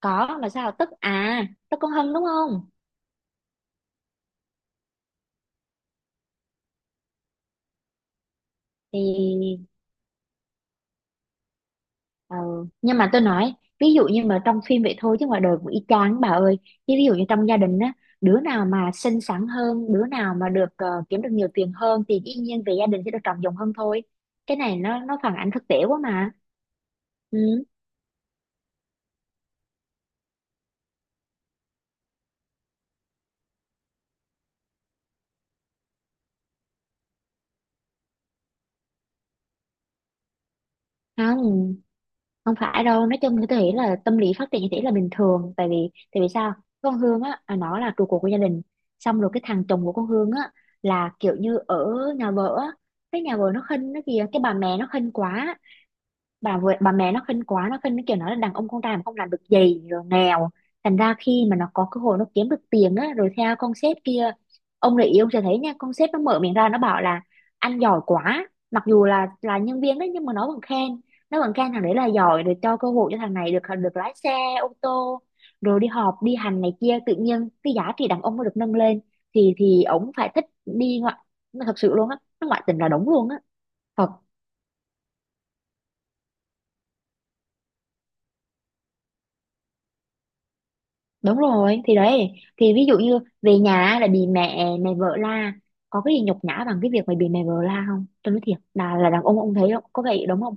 Có là sao, tức à? Tức con Hân đúng không? Thì ờ, nhưng mà tôi nói, ví dụ như mà trong phim vậy thôi chứ ngoài đời cũng y chang bà ơi. Chứ ví dụ như trong gia đình á, đứa nào mà xinh xắn hơn, đứa nào mà được kiếm được nhiều tiền hơn thì dĩ nhiên về gia đình sẽ được trọng dụng hơn thôi. Cái này nó phản ánh thực tế quá mà. Ừ. Không, không phải đâu, nói chung như tôi nghĩ là tâm lý phát triển như thế là bình thường. Tại vì sao con Hương á, à, nó là trụ cột của gia đình. Xong rồi cái thằng chồng của con Hương á là kiểu như ở nhà vợ á, cái nhà vợ nó khinh nó kìa, cái bà mẹ nó khinh quá. Bà mẹ nó khinh quá, nó khinh cái kiểu nó là đàn ông con trai mà không làm được gì, rồi nghèo. Thành ra khi mà nó có cơ hội, nó kiếm được tiền á rồi theo con sếp kia, ông này yêu sẽ thấy nha, con sếp nó mở miệng ra nó bảo là anh giỏi quá, mặc dù là nhân viên đấy nhưng mà nó vẫn khen, nó vẫn khen thằng đấy là giỏi, rồi cho cơ hội cho thằng này được được lái xe ô tô, rồi đi họp đi hành này kia, tự nhiên cái giá trị đàn ông nó được nâng lên. Thì ổng phải thích đi ngoại, thật sự luôn á, nó ngoại tình là đúng luôn á. Thật. Đúng rồi, thì đấy, thì ví dụ như về nhà là bị mẹ mẹ vợ la. Có cái gì nhục nhã bằng cái việc mày bị mẹ vợ la không? Tôi nói thiệt, là đàn ông thấy không, có vậy đúng không?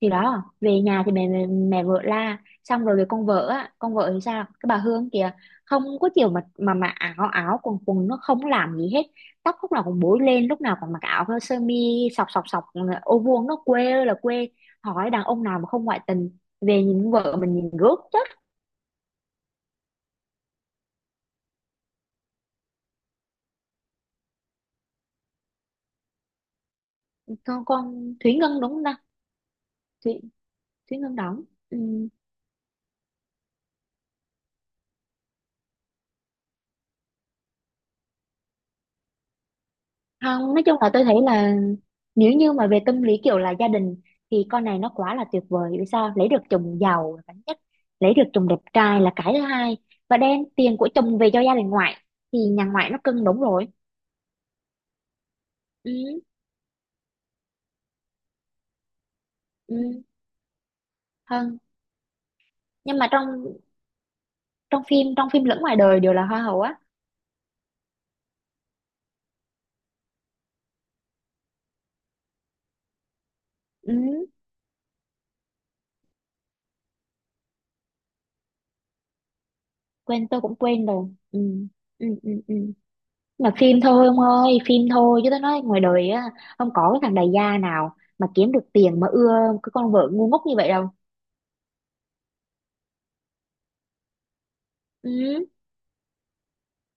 Thì đó, về nhà thì mẹ mẹ, mẹ vợ la. Xong rồi về con vợ á, con vợ thì sao, cái bà Hương kìa, không có chiều mà áo áo quần quần, nó không làm gì hết, tóc lúc nào cũng búi lên, lúc nào còn mặc áo sơ mi sọc sọc sọc, ô vuông, nó quê ơi là quê. Hỏi đàn ông nào mà không ngoại tình, về nhìn vợ mình nhìn rước chết. Con Thúy Ngân đúng không ta? Thúy Thúy Ngân đóng. Ừm, Không, nói chung là tôi thấy là, nếu như mà về tâm lý kiểu là gia đình thì con này nó quá là tuyệt vời. Vì sao? Lấy được chồng giàu là cái nhất, lấy được chồng đẹp trai là cái thứ hai, và đem tiền của chồng về cho gia đình ngoại thì nhà ngoại nó cưng, đúng rồi. Ừ, ừ, hơn. Nhưng mà trong trong phim lẫn ngoài đời đều là hoa hậu á. Ừ, quên, tôi cũng quên rồi. Ừ, ừ, ừ, ừ. Là phim thôi ông ơi, phim thôi, chứ tôi nói ngoài đời á, không có cái thằng đại gia nào mà kiếm được tiền mà ưa cái con vợ ngu ngốc như vậy đâu. Ừ.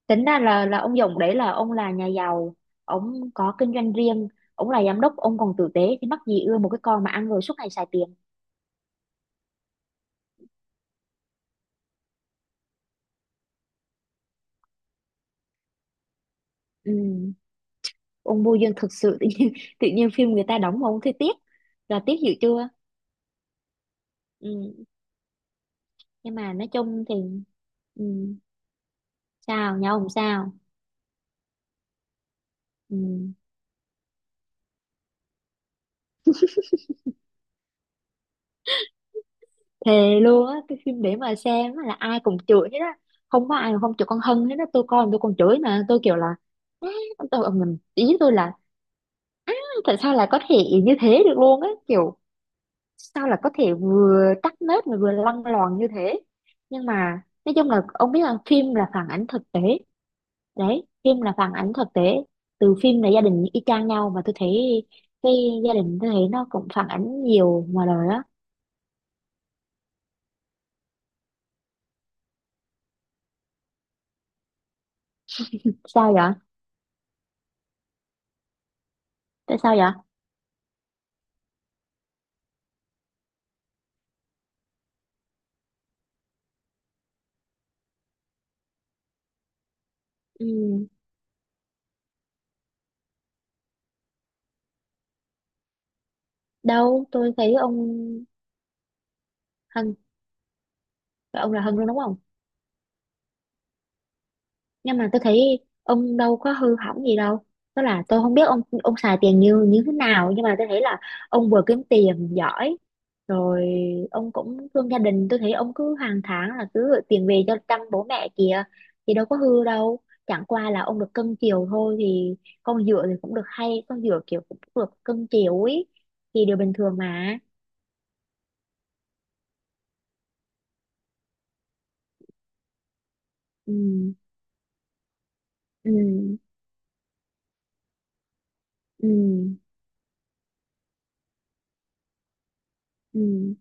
Tính ra là ông Dũng đấy là ông là nhà giàu, ông có kinh doanh riêng, ông là giám đốc, ông còn tử tế, thì mắc gì ưa một cái con mà ăn rồi suốt ngày xài tiền. Ừ. Ông Bùi Dương thực sự tự nhiên, tự nhiên phim người ta đóng mà ông thấy tiếc, là tiếc dữ chưa. Ừ. Nhưng mà nói chung thì. Ừ. Sao nhau? Không sao. Ừ. Thề luôn á, cái phim để mà xem á là ai cũng chửi hết á, không có ai mà không chửi con Hân hết á. Tôi coi mà tôi còn chửi, mà tôi kiểu là "Á", tôi mình ý tôi là "Á, tại sao lại có thể như thế được luôn á, kiểu sao là có thể vừa tắc nết mà vừa lăng loàn như thế". Nhưng mà nói chung là ông biết là phim là phản ánh thực tế. Đấy, phim là phản ánh thực tế, từ phim là gia đình y chang nhau mà tôi thấy. Cái gia đình tôi thấy nó cũng phản ánh nhiều ngoài đời á. Sao vậy? Tại sao vậy? Ừ, đâu tôi thấy ông Hân, ông là Hân luôn đúng không? Nhưng mà tôi thấy ông đâu có hư hỏng gì đâu, tức là tôi không biết ông xài tiền như như thế nào, nhưng mà tôi thấy là ông vừa kiếm tiền giỏi, rồi ông cũng thương gia đình, tôi thấy ông cứ hàng tháng là cứ gửi tiền về cho chăm bố mẹ kìa, thì đâu có hư đâu. Chẳng qua là ông được cưng chiều thôi, thì con dựa thì cũng được, hay con dựa kiểu cũng được cưng chiều ấy, thì điều bình thường mà. Ừ, ừ, ừ, ừ,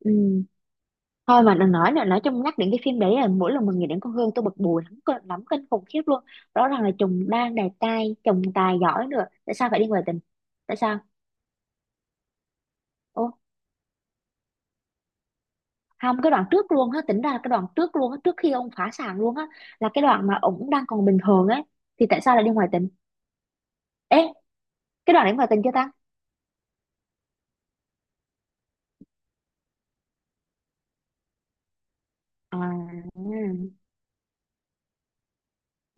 ừ. Thôi mà đừng nói nữa, nói chung nhắc đến cái phim đấy là mỗi lần mình nghĩ đến con Hương tôi bực bùi lắm, lắm kinh khủng khiếp luôn. Rõ ràng là chồng đang đẹp trai, chồng tài giỏi nữa, tại sao phải đi ngoại tình? Tại sao? Ô không, cái đoạn trước luôn á, tính ra là cái đoạn trước luôn á, trước khi ông phá sản luôn á, là cái đoạn mà ổng đang còn bình thường ấy, thì tại sao lại đi ngoại tình? Ê, cái đoạn đấy ngoại tình chưa ta? À, ừ,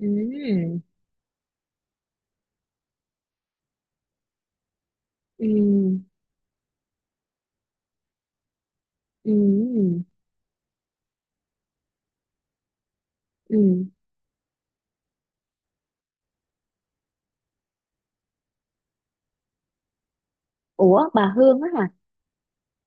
ừ, ừ, ừ. Ủa bà Hương á hả?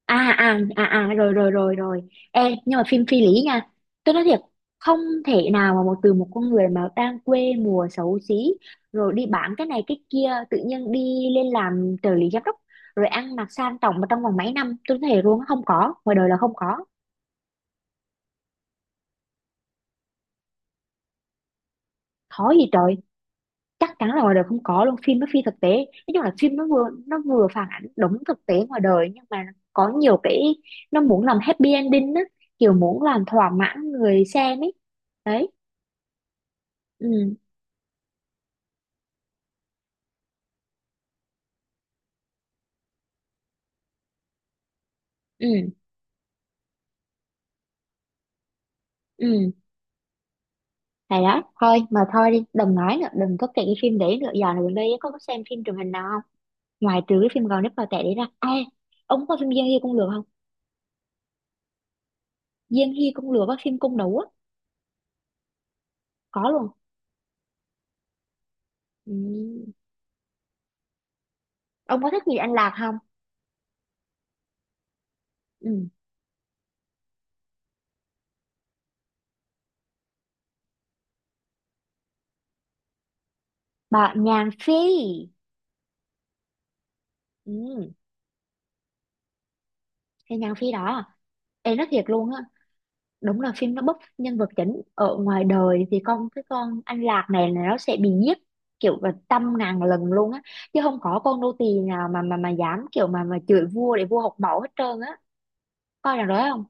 À à à à, rồi rồi rồi rồi. Ê, nhưng mà phim phi lý nha, tôi nói thiệt. Không thể nào mà một con người mà đang quê mùa xấu xí, rồi đi bán cái này cái kia, tự nhiên đi lên làm trợ lý giám đốc, rồi ăn mặc sang trọng, mà trong vòng mấy năm. Tôi thấy luôn, không có, ngoài đời là không có. Khó gì trời, chắc chắn là ngoài đời không có luôn, phim nó phi thực tế. Nói chung là phim nó vừa phản ảnh đúng thực tế ngoài đời, nhưng mà có nhiều cái nó muốn làm happy ending á, kiểu muốn làm thỏa mãn người xem ấy, đấy. Ừ, ừ, ừ. Hay đó, thôi mà, thôi đi, đừng nói nữa, đừng có kể cái phim đấy nữa. Giờ này gần đây ấy, có xem phim truyền hình nào không, ngoài trừ cái phim gò nếp vào tệ đấy ra à? Ông có phim Giang Hy Công Lừa không? Giang Hy Công Lừa, có phim cung đấu á. Có luôn. Ừ. Ông có thích gì anh Lạc không? Ừ. Bà Nhàn Phi. Ừ. Cái Nhàn Phi đó, em nói thiệt luôn á, đúng là phim nó bóc nhân vật chính, ở ngoài đời thì con cái con An Lạc này là nó sẽ bị giết, kiểu là trăm ngàn lần luôn á. Chứ không có con nô tì nào mà dám kiểu mà chửi vua, để vua học mẫu hết trơn á. Coi rằng đó không?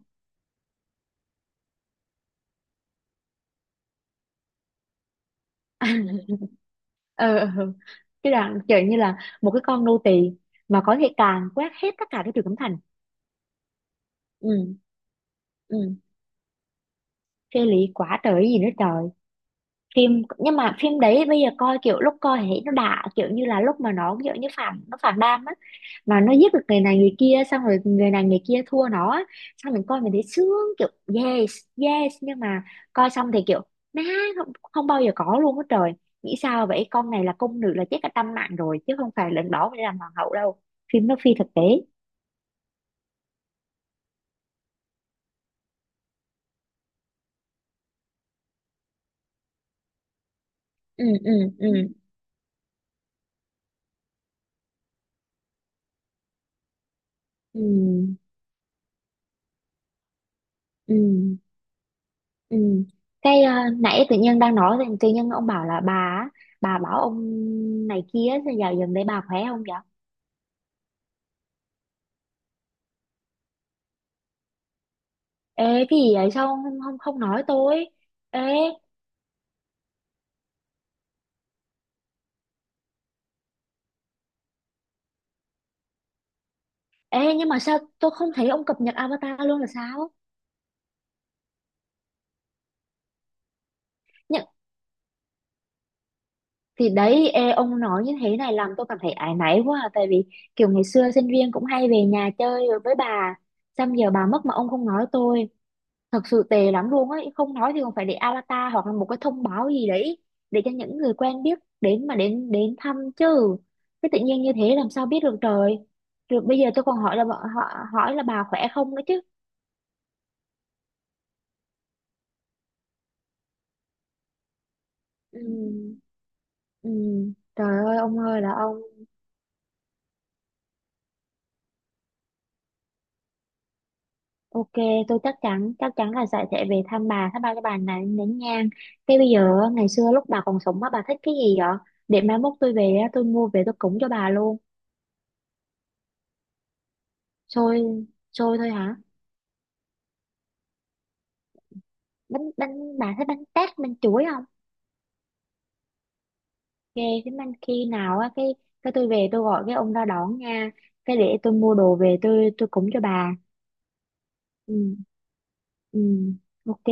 Ờ ừ. Cái đoạn kiểu như là một cái con nô tì mà có thể càn quét hết tất cả cái trường cấm thành. Ừ, ừ, phê lý quá trời gì nữa trời. Phim, nhưng mà phim đấy bây giờ coi, kiểu lúc coi thì thấy nó đã, kiểu như là lúc mà nó kiểu như phản, nó phản đam á, mà nó giết được người này người kia, xong rồi người này người kia thua nó á. Xong mình coi mình thấy sướng, kiểu yes, yes. Nhưng mà coi xong thì kiểu má, không, không bao giờ có luôn á trời. Nghĩ sao vậy, con này là cung nữ là chết cả trăm mạng rồi, chứ không phải lần đó mới làm hoàng hậu đâu. Phim nó phi thực tế. Ừ, ừ, ừ, ừ, ừ. Ừ. Cái nãy tự nhiên đang nói thì tự nhiên ông bảo là bà á, bà bảo ông này kia, thì giờ gần đây bà khỏe không vậy? Ê cái gì vậy, sao ông không không, không nói tôi? Ê, ê, nhưng mà sao tôi không thấy ông cập nhật avatar luôn là sao? Nhưng thì đấy, ê, ông nói như thế này làm tôi cảm thấy áy náy quá, à tại vì kiểu ngày xưa sinh viên cũng hay về nhà chơi rồi với bà, xong giờ bà mất mà ông không nói tôi, thật sự tệ lắm luôn ấy. Không nói thì còn phải để avatar hoặc là một cái thông báo gì đấy, để cho những người quen biết đến mà đến đến thăm chứ. Cái tự nhiên như thế làm sao biết được trời. Rồi bây giờ tôi còn hỏi là họ hỏi là bà khỏe không nữa chứ. Ừ, ừ. Trời ơi ông ơi là ông. Ok, tôi chắc chắn, chắc chắn là sẽ về thăm bà, thăm ba cái bà này nén nhang. Cái bây giờ á, ngày xưa lúc bà còn sống á, bà thích cái gì vậy? Để mai mốt tôi về á, tôi mua về tôi cúng cho bà luôn. Xôi. Xôi thôi hả? Bánh bánh bà thấy bánh tét bánh chuối không? Ghê, cái bánh khi nào á, cái tôi về tôi gọi cái ông ra đón nha, cái để tôi mua đồ về tôi cúng cho bà. Ừ. Ừ. Ok.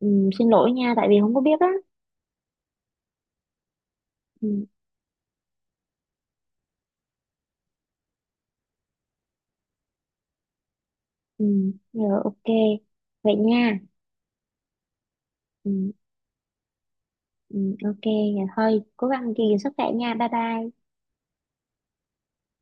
Ừ, xin lỗi nha tại vì không có biết á. Ừ, ừ rồi, ok vậy nha. Ừ, ừ, ok vậy thôi, cố gắng gìn sức khỏe nha, bye bye.